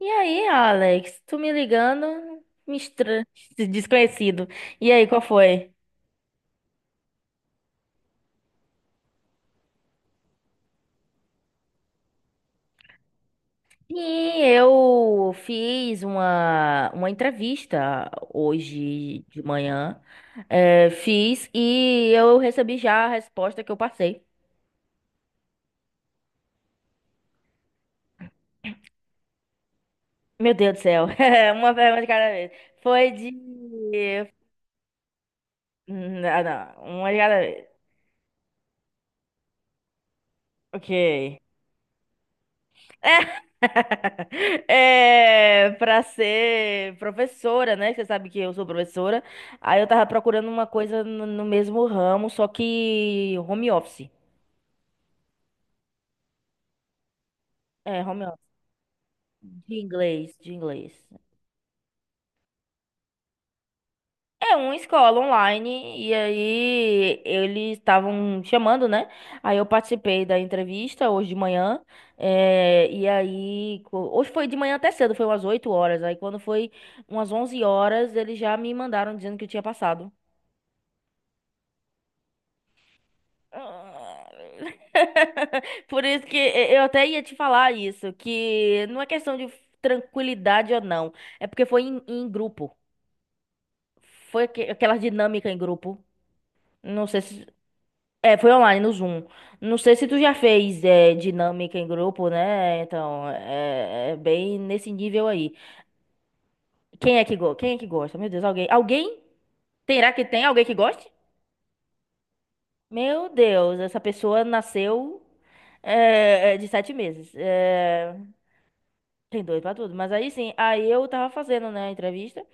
E aí, Alex, tu me ligando, me estra- desconhecido. E aí, qual foi? Sim, eu fiz uma entrevista hoje de manhã. É, fiz e eu recebi já a resposta que eu passei. Meu Deus do céu, é uma pergunta de cada vez. Foi de. Não, não, uma de cada vez. Ok. É, para ser professora, né? Você sabe que eu sou professora. Aí eu tava procurando uma coisa no mesmo ramo, só que home office. É, home office. De inglês, de inglês. É uma escola online, e aí eles estavam chamando, né? Aí eu participei da entrevista hoje de manhã. E aí, hoje foi de manhã até cedo, foi umas 8 horas. Aí quando foi umas 11 horas, eles já me mandaram dizendo que eu tinha passado. Ah, Por isso que eu até ia te falar isso, que não é questão de tranquilidade ou não, é porque foi em grupo. Foi aquela dinâmica em grupo. Não sei se. É, foi online, no Zoom. Não sei se tu já fez dinâmica em grupo, né? Então, é bem nesse nível aí. Quem é que gosta? Meu Deus, alguém. Alguém? Terá que tem alguém que goste? Meu Deus, essa pessoa nasceu de 7 meses. Tem dois pra tudo. Mas aí sim, aí eu tava fazendo, né, a entrevista.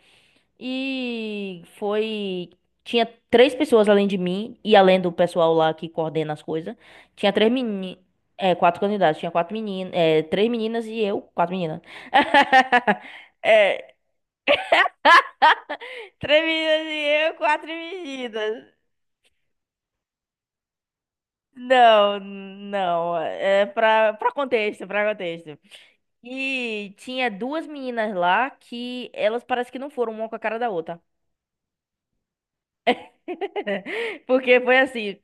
E foi. Tinha três pessoas além de mim, e além do pessoal lá que coordena as coisas. Tinha três meninas. É, quatro candidatos. Tinha quatro meninas. É, três meninas e eu. Quatro meninas. É, três meninas e eu, quatro meninas. Não, não. É pra contexto, pra contexto. E tinha duas meninas lá que elas parece que não foram uma com a cara da outra. Porque foi assim,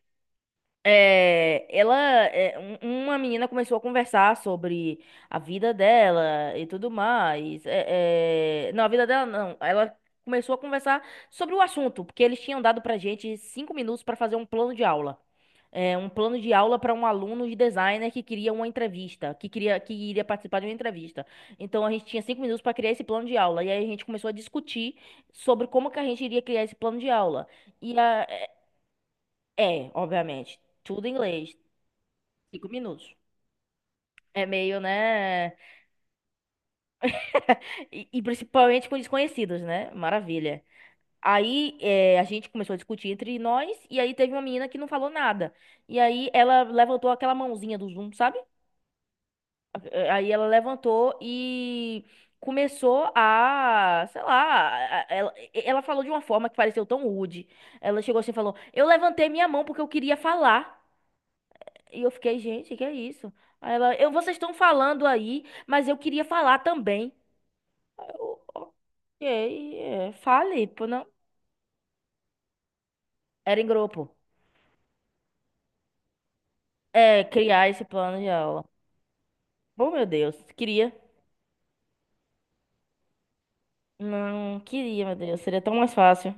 é, ela, é, uma menina começou a conversar sobre a vida dela e tudo mais. Não, a vida dela não. Ela começou a conversar sobre o assunto, porque eles tinham dado pra gente 5 minutos para fazer um plano de aula. Um plano de aula para um aluno de designer que queria uma entrevista, que queria que iria participar de uma entrevista. Então a gente tinha 5 minutos para criar esse plano de aula. E aí a gente começou a discutir sobre como que a gente iria criar esse plano de aula. E a, obviamente. Tudo em inglês. 5 minutos. É meio, né? E principalmente com desconhecidos, né? Maravilha. Aí a gente começou a discutir entre nós, e aí teve uma menina que não falou nada. E aí ela levantou aquela mãozinha do Zoom, sabe? Aí ela levantou e começou a, sei lá, ela falou de uma forma que pareceu tão rude. Ela chegou assim e falou: Eu levantei minha mão porque eu queria falar. E eu fiquei, gente, que é isso? Aí ela, eu, vocês estão falando aí, mas eu queria falar também. Eu, ok, fale, pô, não. Era em grupo. É, criar esse plano de aula. Oh, meu Deus, queria. Não, queria, meu Deus, seria tão mais fácil.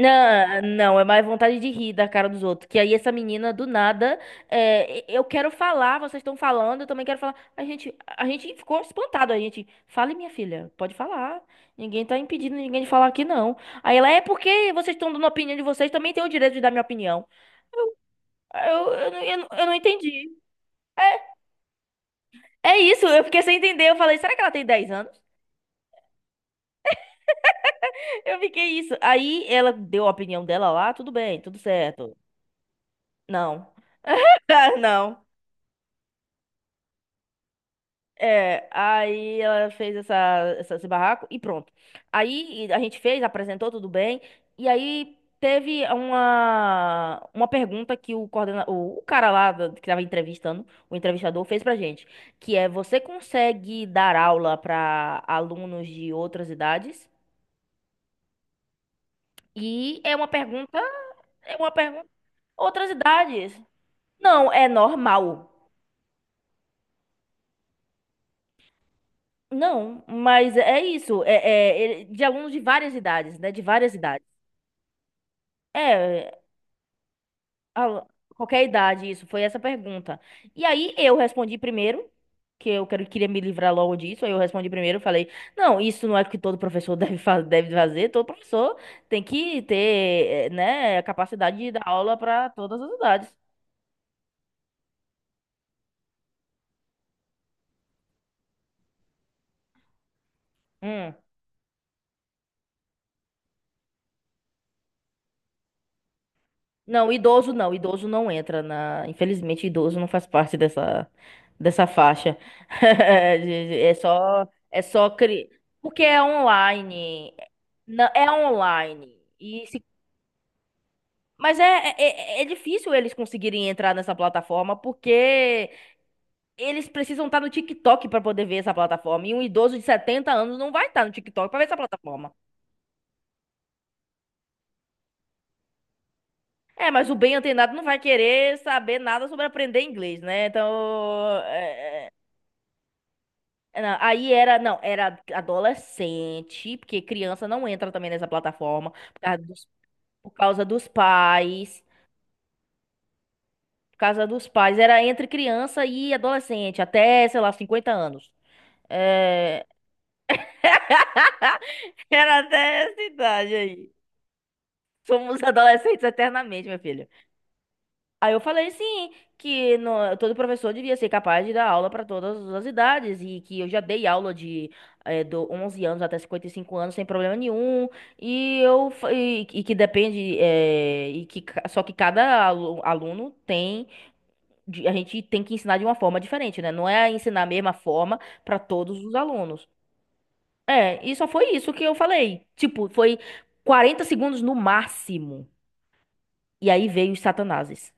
Não, não, é mais vontade de rir da cara dos outros. Que aí essa menina, do nada, eu quero falar, vocês estão falando, eu também quero falar. A gente ficou espantado, a gente. Fale, minha filha, pode falar. Ninguém tá impedindo ninguém de falar aqui, não. Aí ela, é porque vocês estão dando a opinião de vocês, também tenho o direito de dar minha opinião. Aí eu não entendi. É é isso, eu fiquei sem entender. Eu falei, será que ela tem 10 anos? Eu fiquei isso. Aí ela deu a opinião dela lá, tudo bem, tudo certo. Não. Não. Aí ela fez esse barraco e pronto. Aí a gente fez, apresentou tudo bem. E aí teve uma pergunta que o cara lá que tava entrevistando, o entrevistador, fez pra gente, que é você consegue dar aula para alunos de outras idades? E é uma pergunta, outras idades. Não, é normal. Não, mas é isso. De alunos de várias idades, né? De várias idades. É, a- qualquer idade, isso. Foi essa pergunta. E aí eu respondi primeiro, que eu queria me livrar logo disso. Aí eu respondi primeiro, falei: Não, isso não é o que todo professor deve fazer. Todo professor tem que ter, né, a capacidade de dar aula para todas as idades. Hum. Não, idoso não, idoso não entra na. Infelizmente, idoso não faz parte dessa faixa. É só cri... porque é online, não é online e se- Mas é difícil eles conseguirem entrar nessa plataforma porque eles precisam estar no TikTok para poder ver essa plataforma. E um idoso de 70 anos não vai estar no TikTok para ver essa plataforma. É, mas o bem antenado não vai querer saber nada sobre aprender inglês, né? Então, não, aí era, não, era adolescente, porque criança não entra também nessa plataforma, por causa dos pais, era entre criança e adolescente, até, sei lá, 50 anos. É, Era até essa idade aí. Somos adolescentes eternamente, meu filho. Aí eu falei sim, que todo professor devia ser capaz de dar aula para todas as idades e que eu já dei aula do 11 anos até 55 anos sem problema nenhum e e que depende e que só que cada aluno tem a gente tem que ensinar de uma forma diferente, né? Não é ensinar a mesma forma para todos os alunos. E só foi isso que eu falei. Tipo, foi 40 segundos no máximo. E aí veio os satanases.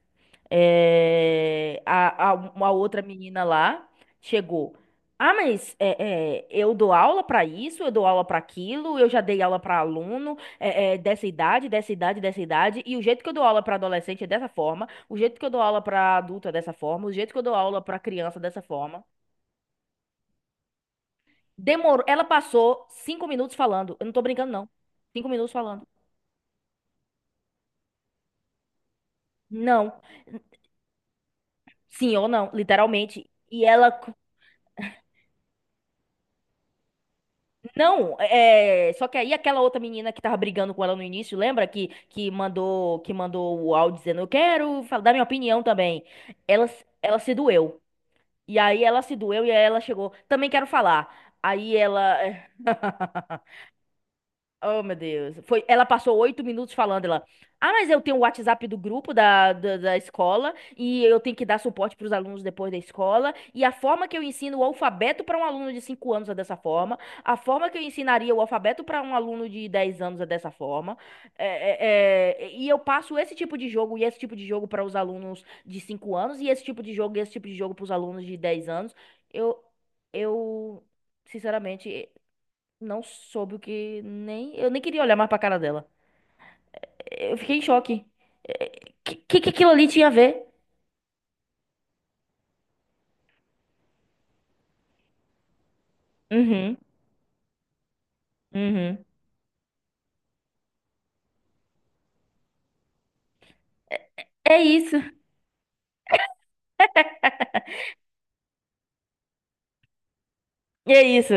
Uma outra menina lá chegou. Ah, mas eu dou aula para isso, eu dou aula para aquilo, eu já dei aula para aluno dessa idade, dessa idade, dessa idade, e o jeito que eu dou aula para adolescente é dessa forma, o jeito que eu dou aula para adulto é dessa forma, o jeito que eu dou aula para criança é dessa forma. Demorou. Ela passou 5 minutos falando. Eu não tô brincando, não. 5 minutos falando. Não. Sim ou não, literalmente. E ela. Não, é, só que aí aquela outra menina que tava brigando com ela no início, lembra que mandou o áudio dizendo, eu quero dar minha opinião também. Ela se doeu. E aí ela se doeu e aí ela chegou, também quero falar. Aí ela Oh, meu Deus. Foi, ela passou 8 minutos falando, ela. Ah, mas eu tenho o WhatsApp do grupo da escola e eu tenho que dar suporte para os alunos depois da escola. E a forma que eu ensino o alfabeto para um aluno de 5 anos é dessa forma. A forma que eu ensinaria o alfabeto para um aluno de 10 anos é dessa forma. E eu passo esse tipo de jogo e esse tipo de jogo para os alunos de 5 anos e esse tipo de jogo e esse tipo de jogo para os alunos de 10 anos. Eu, eu, sinceramente. Não soube o que nem. Eu nem queria olhar mais pra cara dela. Eu fiquei em choque. É, que aquilo ali tinha a ver? Uhum, uhum. É isso, é isso.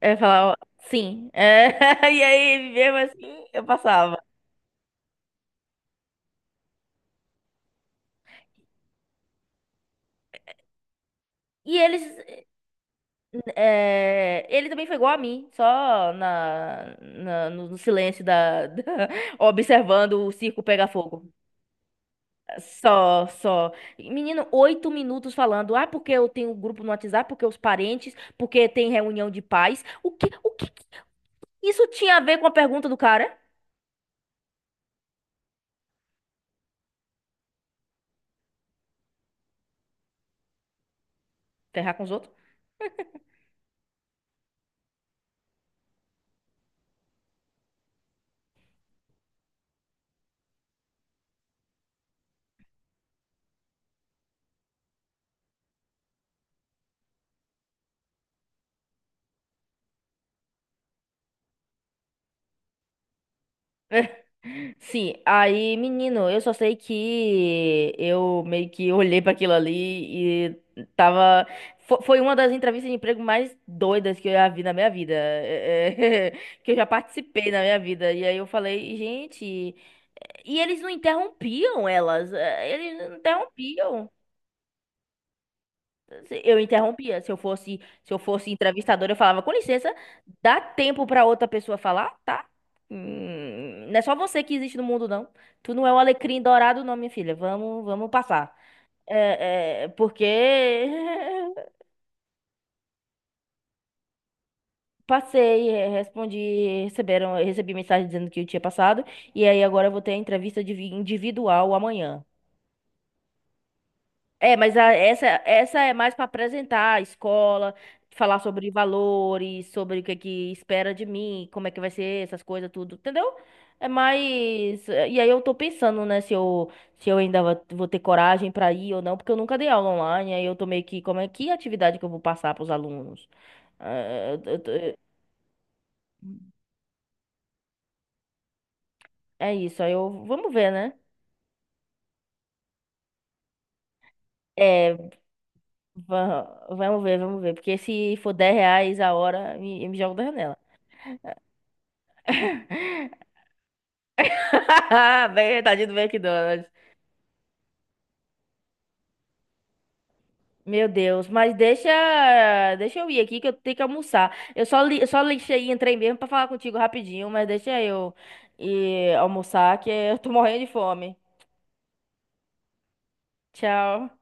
Eu falava, sim. É, E aí, mesmo assim, eu passava. E eles. Ele também foi igual a mim, só no silêncio da, observando o circo pegar fogo. Só, só. Menino, 8 minutos falando. Ah, porque eu tenho um grupo no WhatsApp, porque os parentes, porque tem reunião de pais. O que que isso tinha a ver com a pergunta do cara? Ferrar com os outros? Sim, aí, menino, eu só sei que eu meio que olhei pra aquilo ali e tava. Foi uma das entrevistas de emprego mais doidas que eu já vi na minha vida. Que eu já participei na minha vida. E aí eu falei, gente. E eles não interrompiam elas, eles não interrompiam. Eu interrompia. Se eu fosse entrevistadora, eu falava, com licença, dá tempo para outra pessoa falar, tá? Não é só você que existe no mundo, não. Tu não é o alecrim dourado, não, minha filha. Vamos, vamos passar. Porque passei, respondi, receberam, recebi mensagem dizendo que eu tinha passado, e aí agora eu vou ter a entrevista individual amanhã. É, mas essa é mais para apresentar a escola, falar sobre valores, sobre o que é que espera de mim, como é que vai ser essas coisas, tudo, entendeu? É mais. E aí eu tô pensando, né, se eu ainda vou ter coragem para ir ou não, porque eu nunca dei aula online, aí eu tô meio que, como é que atividade que eu vou passar para os alunos? Ah, eu- eu tô- É isso, aí eu. Vamos ver, né? É, Vamos ver, vamos ver, porque se for R$ 10 a hora, me jogo da janela. Bem, tadinho do McDonald's. Meu Deus, mas deixa eu ir aqui que eu tenho que almoçar. Eu só li, eu só lixei e entrei mesmo pra falar contigo rapidinho, mas deixa eu ir almoçar que eu tô morrendo de fome. Tchau.